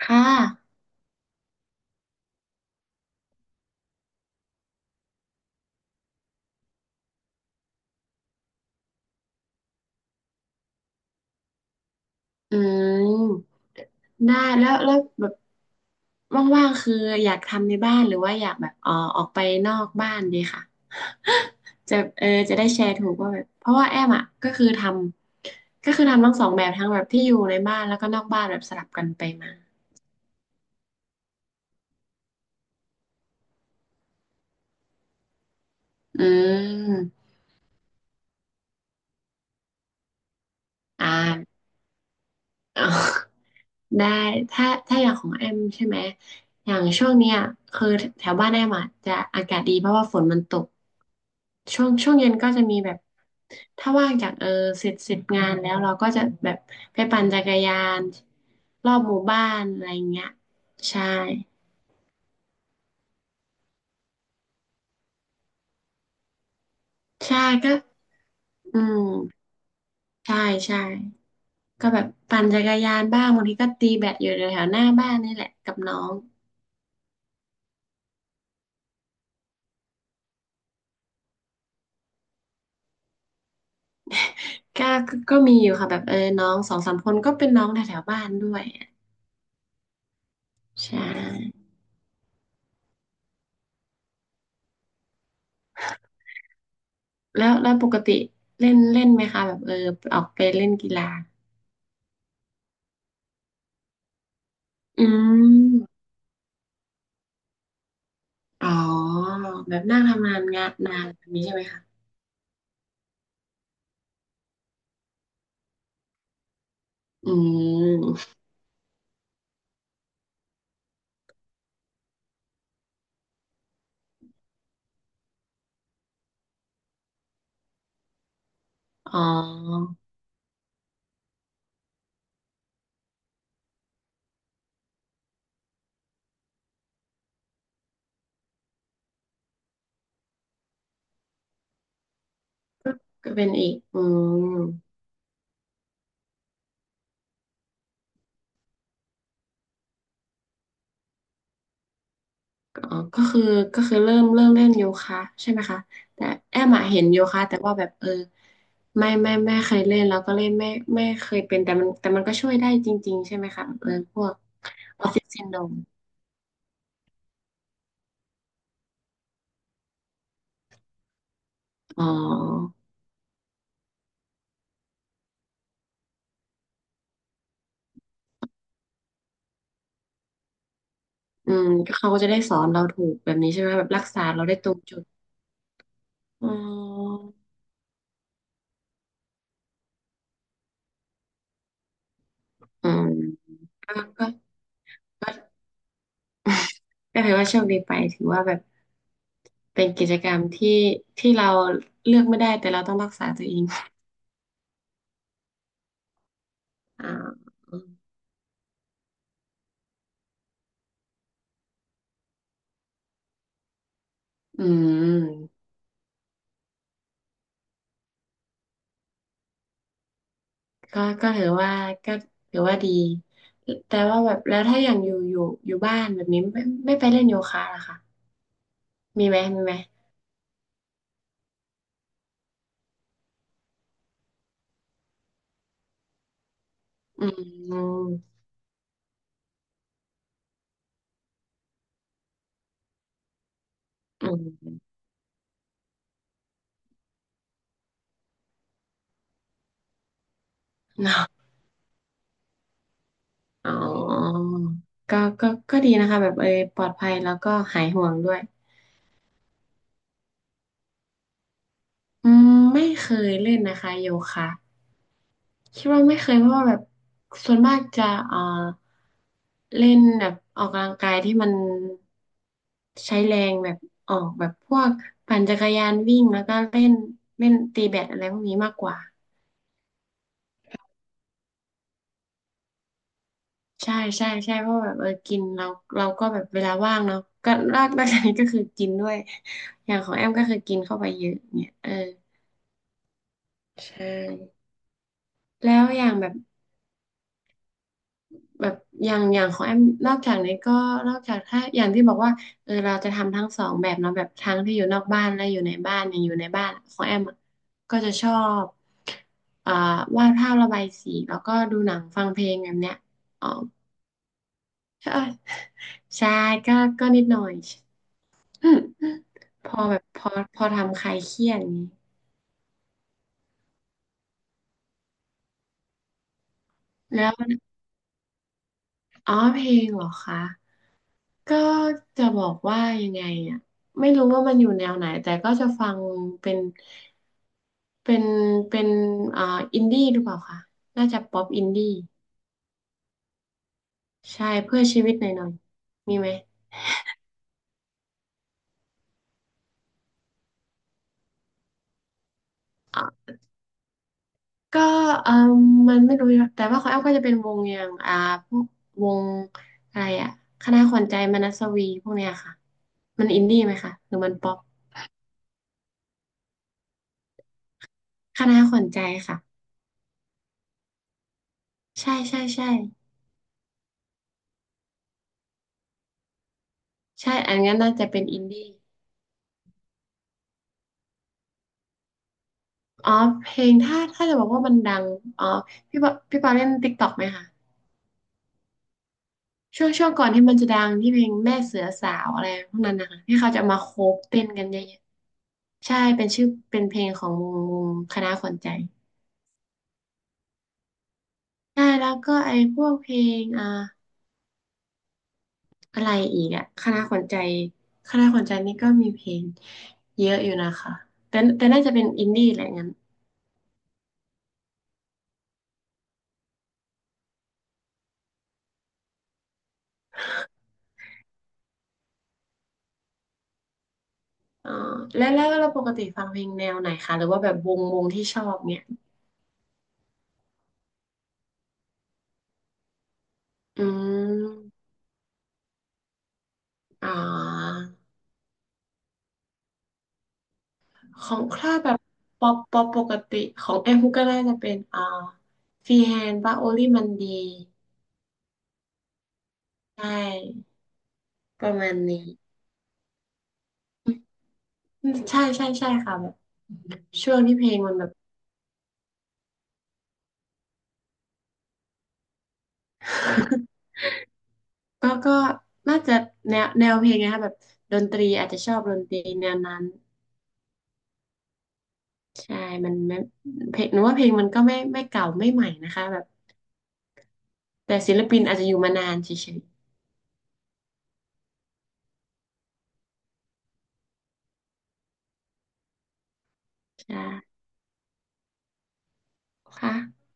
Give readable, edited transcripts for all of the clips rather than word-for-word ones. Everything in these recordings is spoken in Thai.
ค่ะอืมได้แล้วแบบว่างๆคือ อยากทำในบ้านหรือว่าอยากแบบออกไปนอกบ้านดีค่ะ จะเออจะได้แชร์ถูกว่าแบบเพราะว่าแอมอ่ะก็คือทำทั้งสองแบบทั้งแบบที่อยู่ในบ้านแล้วก็นอกบ้านแบบสลับกันไปมาอืมอ่า เอา ได้ถ้าอย่างของแอมใช่ไหมอย่างช่วงเนี้ยคือแถวบ้านแอมอะจะอากาศดีเพราะว่าฝนมันตก ช่วงเย็นก็จะมีแบบถ้าว่างจากเสร็จงานแล้วเราก็จะแบบไปปั่นจักรยานรอบหมู่บ้านอะไรอย่างเงี้ยใช่ใช่ก็อืมใช่ใช่ก็แบบปั่นจักรยานบ้างบางทีก็ตีแบดอยู่แถวๆหน้าบ้านนี่แหละกับน้องก็มีอยู่ค่ะแบบน้องสองสามคนก็เป็นน้องแถวแถวบ้านด้วยอะใช่แล้วปกติเล่นเล่นไหมคะแบบออกไปเล่นกีฬาอืม อ๋อแบบนั่งทำงานนานแบบนี้ใช่ไหมคะอืมอ๋อก็เป็นอีกอืมก็ก็คือก็คือเริ่มเล่นโยคะใช่ไหมคะแต่แอมอะเห็นโยคะแต่ว่าแบบไม่เคยเล่นแล้วก็เล่นไม่เคยเป็นแต่มันก็ช่วยได้จริงๆใช่ไหมคะเออพวกออฟฟิศซินโดรมอ๋ออืมก็เขาก็จะได้สอนเราถูกแบบนี้ใช่ไหมแบบรักษาเราได้ตรงจุดอ๋ออืมก็ก็ ก็ถือว่าโชคดีไปถือว่าแบบเป็นกิจกรรมที่ที่เราเลือกไม่ได้แต่เราต้องรักษาตัวเองอ่าอืมก็ก็ถือว่าก็ถือว่าดีแต่ว่าแบบแล้วถ้าอย่างอยู่บ้านแบบนี้ไม่ไปเล่นโยคะล่ะคะมีไหมอืมอืมอ๋อก็ดีนะคะแบบปลอดภัยแล้วก็หายห่วงด้วยอืมไม่เคยเล่นนะคะโยคะ คิดว่าไม่เคยเพราะว่าแบบส่วนมากจะเอ่อเล่นแบบออกกำลังกายที่มันใช้แรงแบบออกแบบพวกปั่นจักรยานวิ่งแล้วก็เล่นเล่นตีแบดอะไรพวกนี้มากกว่าใช่ใช่ใช่เพราะว่าแบบกินเราก็แบบเวลาว่างเนาะก็นอกจากนี้ก็คือกินด้วยอย่างของแอมก็คือกินเข้าไปเยอะเนี่ยใช่แล้วอย่างแบบ แบบอย่างของแอมนอกจากนี้ก็นอกจากถ้าอย่างที่บอกว่าเราจะทำทั้งสองแบบเนาะแบบทั้งที่อยู่นอกบ้านและอยู่ในบ้านอย่างอยู่ในบ้านของแอมอะก็จะชอบอ่าวาดภาพระบายสีแล้วก็ดูหนังฟังเพลงแบบเนี้ยอ๋อ ใช่ใช่ก็ก็นิดหน่อยอืมพอแบบพอพอทำคลายเครียดอย่างนี้แล้วอ๋อเพลงเหรอคะ ก็จะบอกว่ายังไงอ่ะไม่รู้ว่ามันอยู่แนวไหนแต่ก็จะฟังเป็นเป็นเป็นอ่าอินดี้หรือเปล่าคะน่าจะป๊อปอินดี้ใช่เพื่อชีวิตหน่อยหน่อยมีไหมก็เออมมันไม่รู้แต่ว่าของแอมก็จะเป็นวงอย่างพวกวงอะไรอ่ะคณะขวัญใจมนัสวีพวกเนี้ยค่ะมันอินดี้ไหมคะหรือมันป๊อปคณะขวัญใจค่ะใช่ใช่ใช่ใช่อันนั้นน่าจะเป็นอินดี้ อ๋อเพลงถ้าจะบอกว่ามันดังอ๋อพี่ปอเล่นติ๊กต็อกไหมคะช่วงก่อนที่มันจะดังที่เพลงแม่เสือสาวอะไรพวกนั้นนะคะที่เขาจะมาโคฟเต้นกันเยอะๆใช่เป็นชื่อเป็นเพลงของวงคณะขวัญใจใช่แล้วก็ไอ้พวกเพลงอะไรอีกอะคณะขวัญใจคณะขวัญใจนี่ก็มีเพลงเยอะอยู่นะคะแต่น่าจะเป็นอินดี้แหละงั้นอ๋อแล้วเราปกติฟังเพลงแนวไหนคะหรือว่าแบบวงที่ชอบเนี่ยอืม อ่าของคลาดแบบป๊อปปกติของแอมฮุกก็น่าจะเป็นฟรีแฮนด์บ้าโอลี่มันดีใช่ประมาณนี้อืมใช่ใช่ใช่ค่ะแบบช่วงที่เพลงมันแบบ ก็น่าจะแนวเพลงนะคะแบบดนตรีอาจจะชอบดนตรีแนวนั้นใช่มันไม่เพลงหนูว่าเพลงมันก็ไม่เก่าไม่ใหม่นะคะแบบแต่ศิลปินอาจจะอยู่มานานเฉยๆใช่ค่ะ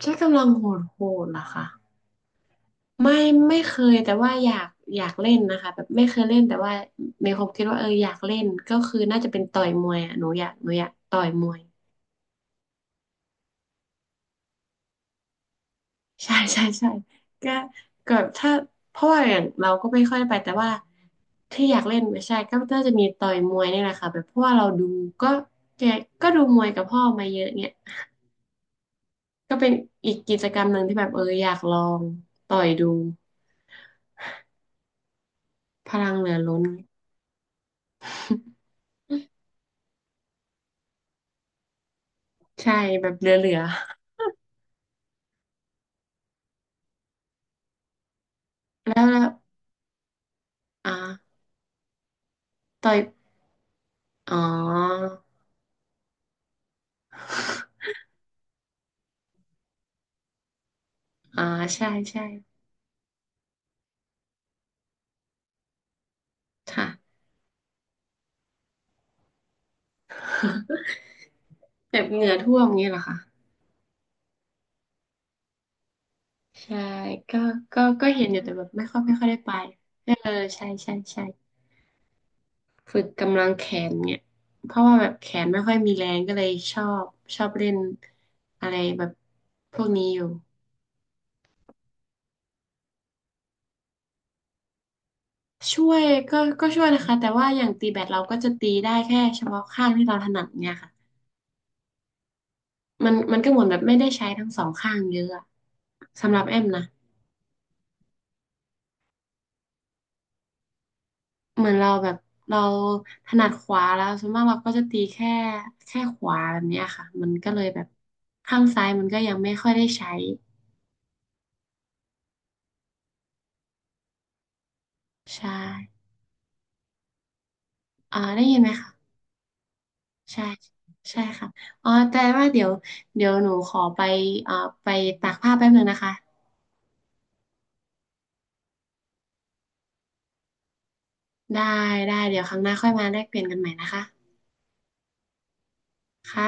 ใช้กำลังโหดโหดเหรอคะ ไม่ไม่เคยแต่ว่าอยากเล่นนะคะแบบไม่เคยเล่นแต่ว่ามีความคิดว่าเอออยากเล่นก็คือน่าจะเป็นต่อยมวยอ่ะหนูอยากต่อยมวยใช่ใช่ใช่ก็ก็ถ้าเพราะว่าอย่างเราก็ไม่ค่อยได้ไปแต่ว่าที่อยากเล่นไม่ใช่ก็น่าจะมีต่อยมวยนี่แหละค่ะแบบเพราะว่าเราดูก็แกก็ดูมวยกับพ่อมาเยอะเนี่ยก็เป็นอีกกิจกรรมหนึ่งที่แบบอยากลองต่อยดูพลังเหลือล้นใช่แบบเหลือๆแล้วอ่าต่อย อ๋ออ่าใช่ใช่ค่ะ แบบเหงื่อท่วมอย่างนี้เหรอคะใช่ก็ก็เห็นอยู่แต่แบบไม่ค่อยได้ไปเออใช่ใช่ใช่ฝึกกำลังแขนเนี่ยเพราะว่าแบบแขนไม่ค่อยมีแรงก็เลยชอบเล่นอะไรแบบพวกนี้อยู่ ช่วยก็ช่วยนะคะ แต่ว่าอย่างตีแบดเราก็จะตีได้แค่เฉพาะข้างที่เราถนัดเนี่ยค่ะ มันก็เหมือนแบบไม่ได้ใช้ทั้งสองข้างเยอะอะสำหรับแอมนะ เหมือนเราแบบเราถนัดขวาแล้วส่วนมากเราก็จะตีแค่ขวาแบบเนี้ยค่ะมันก็เลยแบบข้างซ้ายมันก็ยังไม่ค่อยได้ใช้ใช่อ่าได้ยินไหมคะใช่ใช่ค่ะอ๋อแต่ว่าเดี๋ยวหนูขอไปเอ่อไปตากผ้าแป๊บนึงนะคะได้ได้เดี๋ยวครั้งหน้าค่อยมาแลกเปลี่ยนกันใหม่นะคะค่ะ